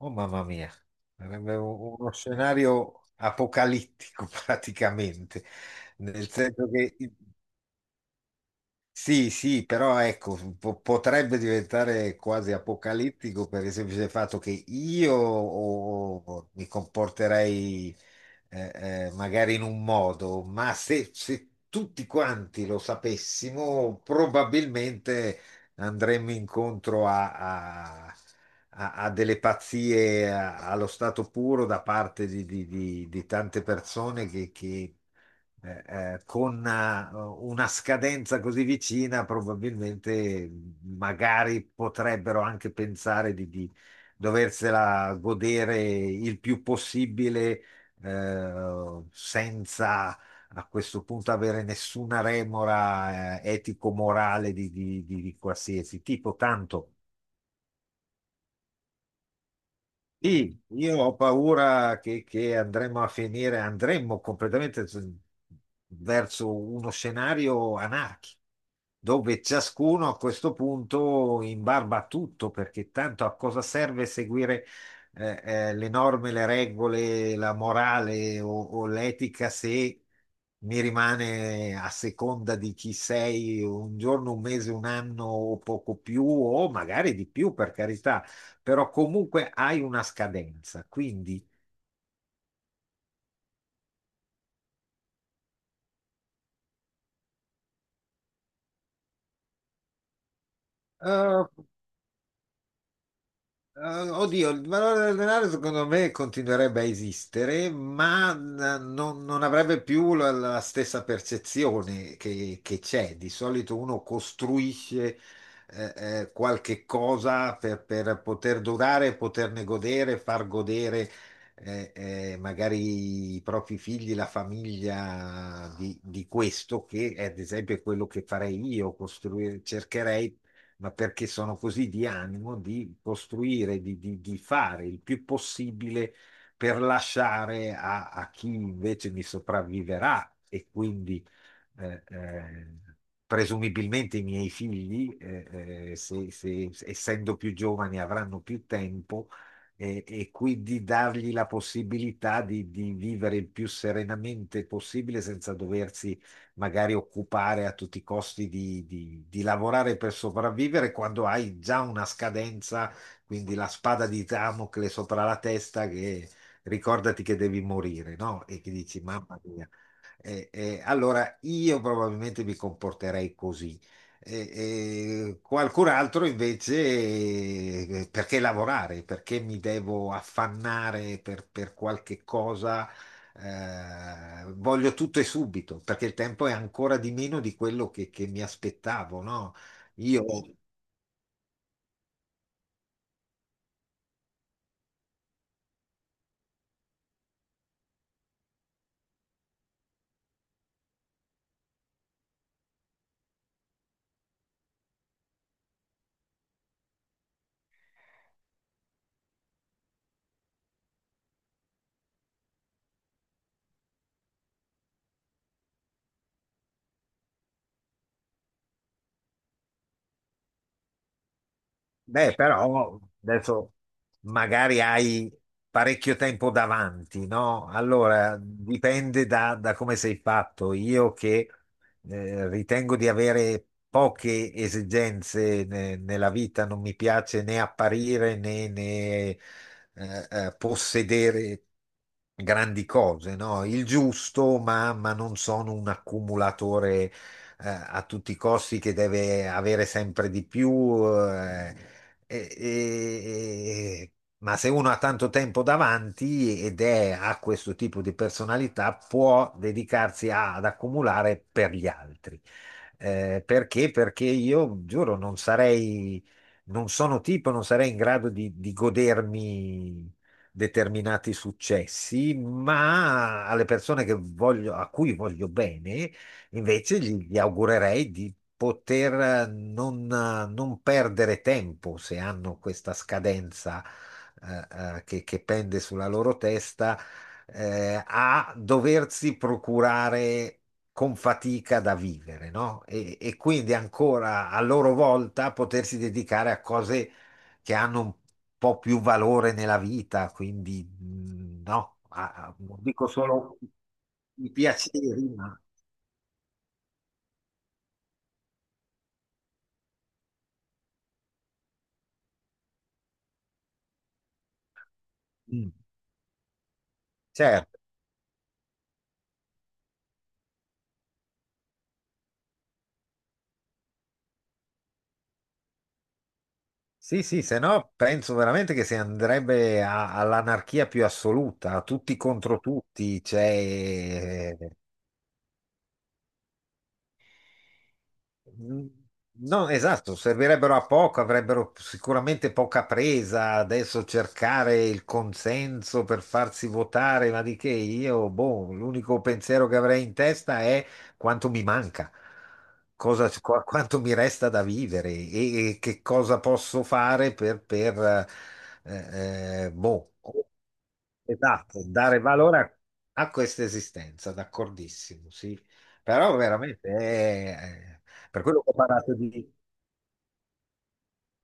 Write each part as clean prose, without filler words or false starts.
Oh mamma mia, sarebbe uno scenario apocalittico praticamente, nel senso che sì, sì, però ecco, potrebbe diventare quasi apocalittico per il semplice fatto che io o mi comporterei magari in un modo, ma se tutti quanti lo sapessimo, probabilmente andremmo incontro a delle pazzie allo stato puro da parte di tante persone eh, con una scadenza così vicina, probabilmente magari potrebbero anche pensare di doversela godere il più possibile senza a questo punto avere nessuna remora, etico-morale di qualsiasi tipo, tanto. Sì, io ho paura che andremo a finire, andremo completamente verso uno scenario anarchico, dove ciascuno a questo punto imbarba a tutto, perché tanto a cosa serve seguire eh, le norme, le regole, la morale o l'etica se mi rimane a seconda di chi sei un giorno, un mese, un anno o poco più, o magari di più, per carità, però comunque hai una scadenza, quindi. eh, Oddio, il valore del denaro secondo me continuerebbe a esistere, ma non avrebbe più la stessa percezione che c'è. Di solito uno costruisce qualche cosa per poter durare, poterne godere, far godere, magari i propri figli, la famiglia di questo, che è, ad esempio è quello che farei io, costruire, cercherei, ma perché sono così di animo di costruire, di fare il più possibile per lasciare a chi invece mi sopravviverà e quindi eh, eh, presumibilmente i miei figli, essendo più giovani, avranno più tempo e quindi dargli la possibilità di vivere il più serenamente possibile senza doversi magari occupare a tutti i costi di lavorare per sopravvivere quando hai già una scadenza, quindi la spada di Damocle sopra la testa che ricordati che devi morire, no? E che dici, mamma mia. Allora io probabilmente mi comporterei così. Eh, Qualcun altro invece, perché lavorare? Perché mi devo affannare per qualche cosa? Voglio tutto e subito, perché il tempo è ancora di meno di quello che mi aspettavo, no? Io, beh, però adesso magari hai parecchio tempo davanti, no? Allora dipende da come sei fatto. Io che ritengo di avere poche esigenze nella vita, non mi piace né apparire né, né, possedere grandi cose, no? Il giusto, ma non sono un accumulatore a tutti i costi che deve avere sempre di più. eh, e- e- e- ma se uno ha tanto tempo davanti ed è, ha questo tipo di personalità, può dedicarsi ad accumulare per gli altri. Perché? Perché io giuro, non sarei, non sono tipo, non sarei in grado di godermi determinati successi, ma alle persone che voglio, a cui voglio bene. Invece gli augurerei di poter non perdere tempo se hanno questa scadenza che pende sulla loro testa, a doversi procurare con fatica da vivere, no? E quindi ancora a loro volta potersi dedicare a cose che hanno un po' più valore nella vita, quindi mm, no, dico solo i piaceri, ma... Mm. Certo, sì, sì, se no penso veramente che si andrebbe all'anarchia più assoluta, a tutti contro tutti, cioè, mm, no, esatto, servirebbero a poco, avrebbero sicuramente poca presa. Adesso cercare il consenso per farsi votare, ma di che io, boh, l'unico pensiero che avrei in testa è quanto mi manca, cosa, quanto mi resta da vivere e che cosa posso fare per boh. Esatto, dare valore a questa esistenza, d'accordissimo, sì. Però veramente, per quello che ho parlato di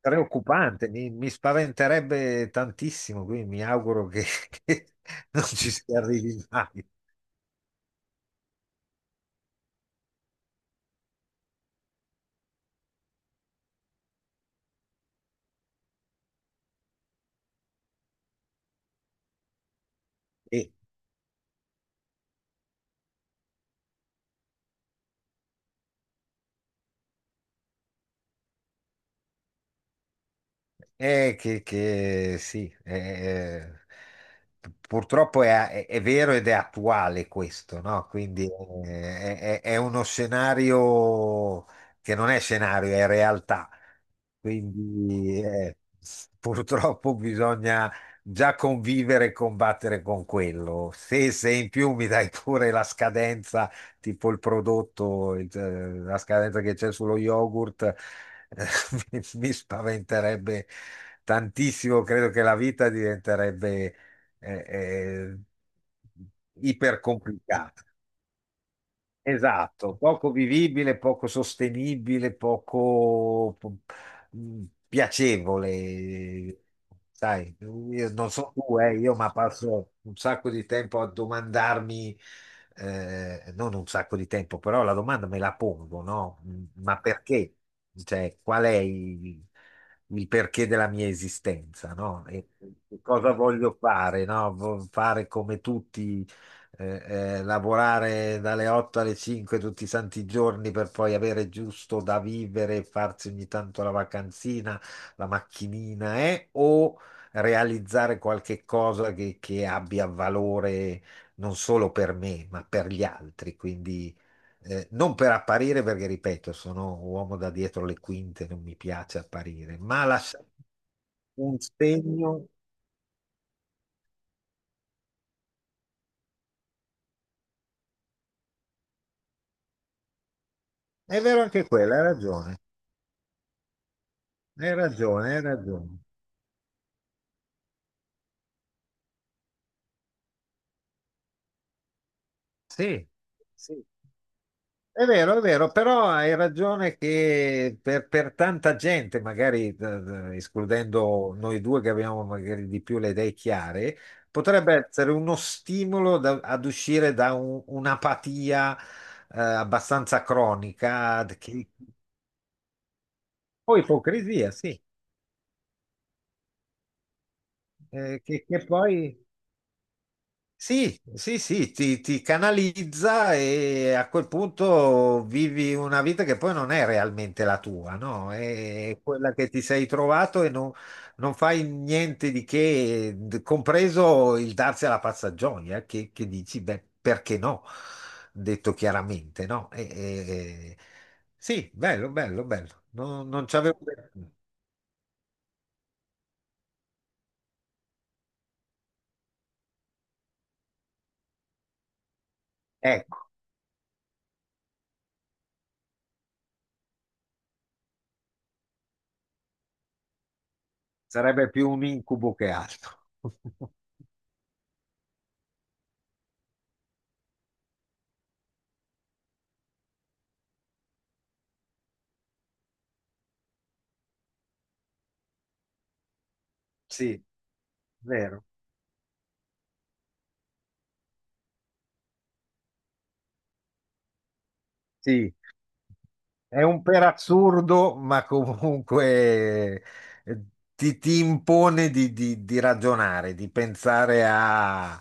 preoccupante, mi spaventerebbe tantissimo, quindi mi auguro che, che non ci si arrivi mai. E, eh, che sì, purtroppo è, è vero ed è attuale questo, no? Quindi è, è uno scenario che non è scenario, è realtà. Quindi purtroppo bisogna già convivere e combattere con quello. Se, se in più mi dai pure la scadenza tipo il prodotto, la scadenza che c'è sullo yogurt, mi spaventerebbe tantissimo. Credo che la vita diventerebbe eh, eh, ipercomplicata. Esatto, poco vivibile, poco sostenibile, piacevole. Sai, io non so tu, io ma passo un sacco di tempo a domandarmi, non un sacco di tempo, però la domanda me la pongo, no? Ma perché? Cioè, il perché della mia esistenza, no? E cosa voglio fare, no? Fare come tutti lavorare dalle 8 alle 5 tutti i santi giorni per poi avere giusto da vivere e farsi ogni tanto la vacanzina, la macchinina, o realizzare qualche cosa che abbia valore non solo per me, ma per gli altri. Quindi non per apparire, perché ripeto, sono uomo da dietro le quinte, non mi piace apparire, ma lasciare un segno. È vero anche quello, hai ragione, hai ragione. Sì, sì, è vero, però hai ragione che per tanta gente, magari escludendo noi due che abbiamo magari di più le idee chiare, potrebbe essere uno stimolo ad uscire da un'apatia abbastanza cronica, che, o ipocrisia, sì, che poi sì, sì, sì, ti canalizza e a quel punto vivi una vita che poi non è realmente la tua, no? È quella che ti sei trovato e non, non fai niente di che, compreso il darsi alla pazza gioia, che dici, beh, perché no? Detto chiaramente, no? E- sì, bello. Non, non ci avevo... detto. Ecco, sarebbe più un incubo che altro. Sì, vero. Sì. È un per assurdo, ma comunque eh, ti impone di, di ragionare, di pensare a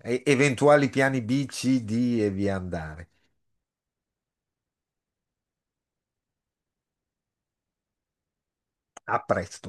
eventuali piani B, C, D e via andare. A presto.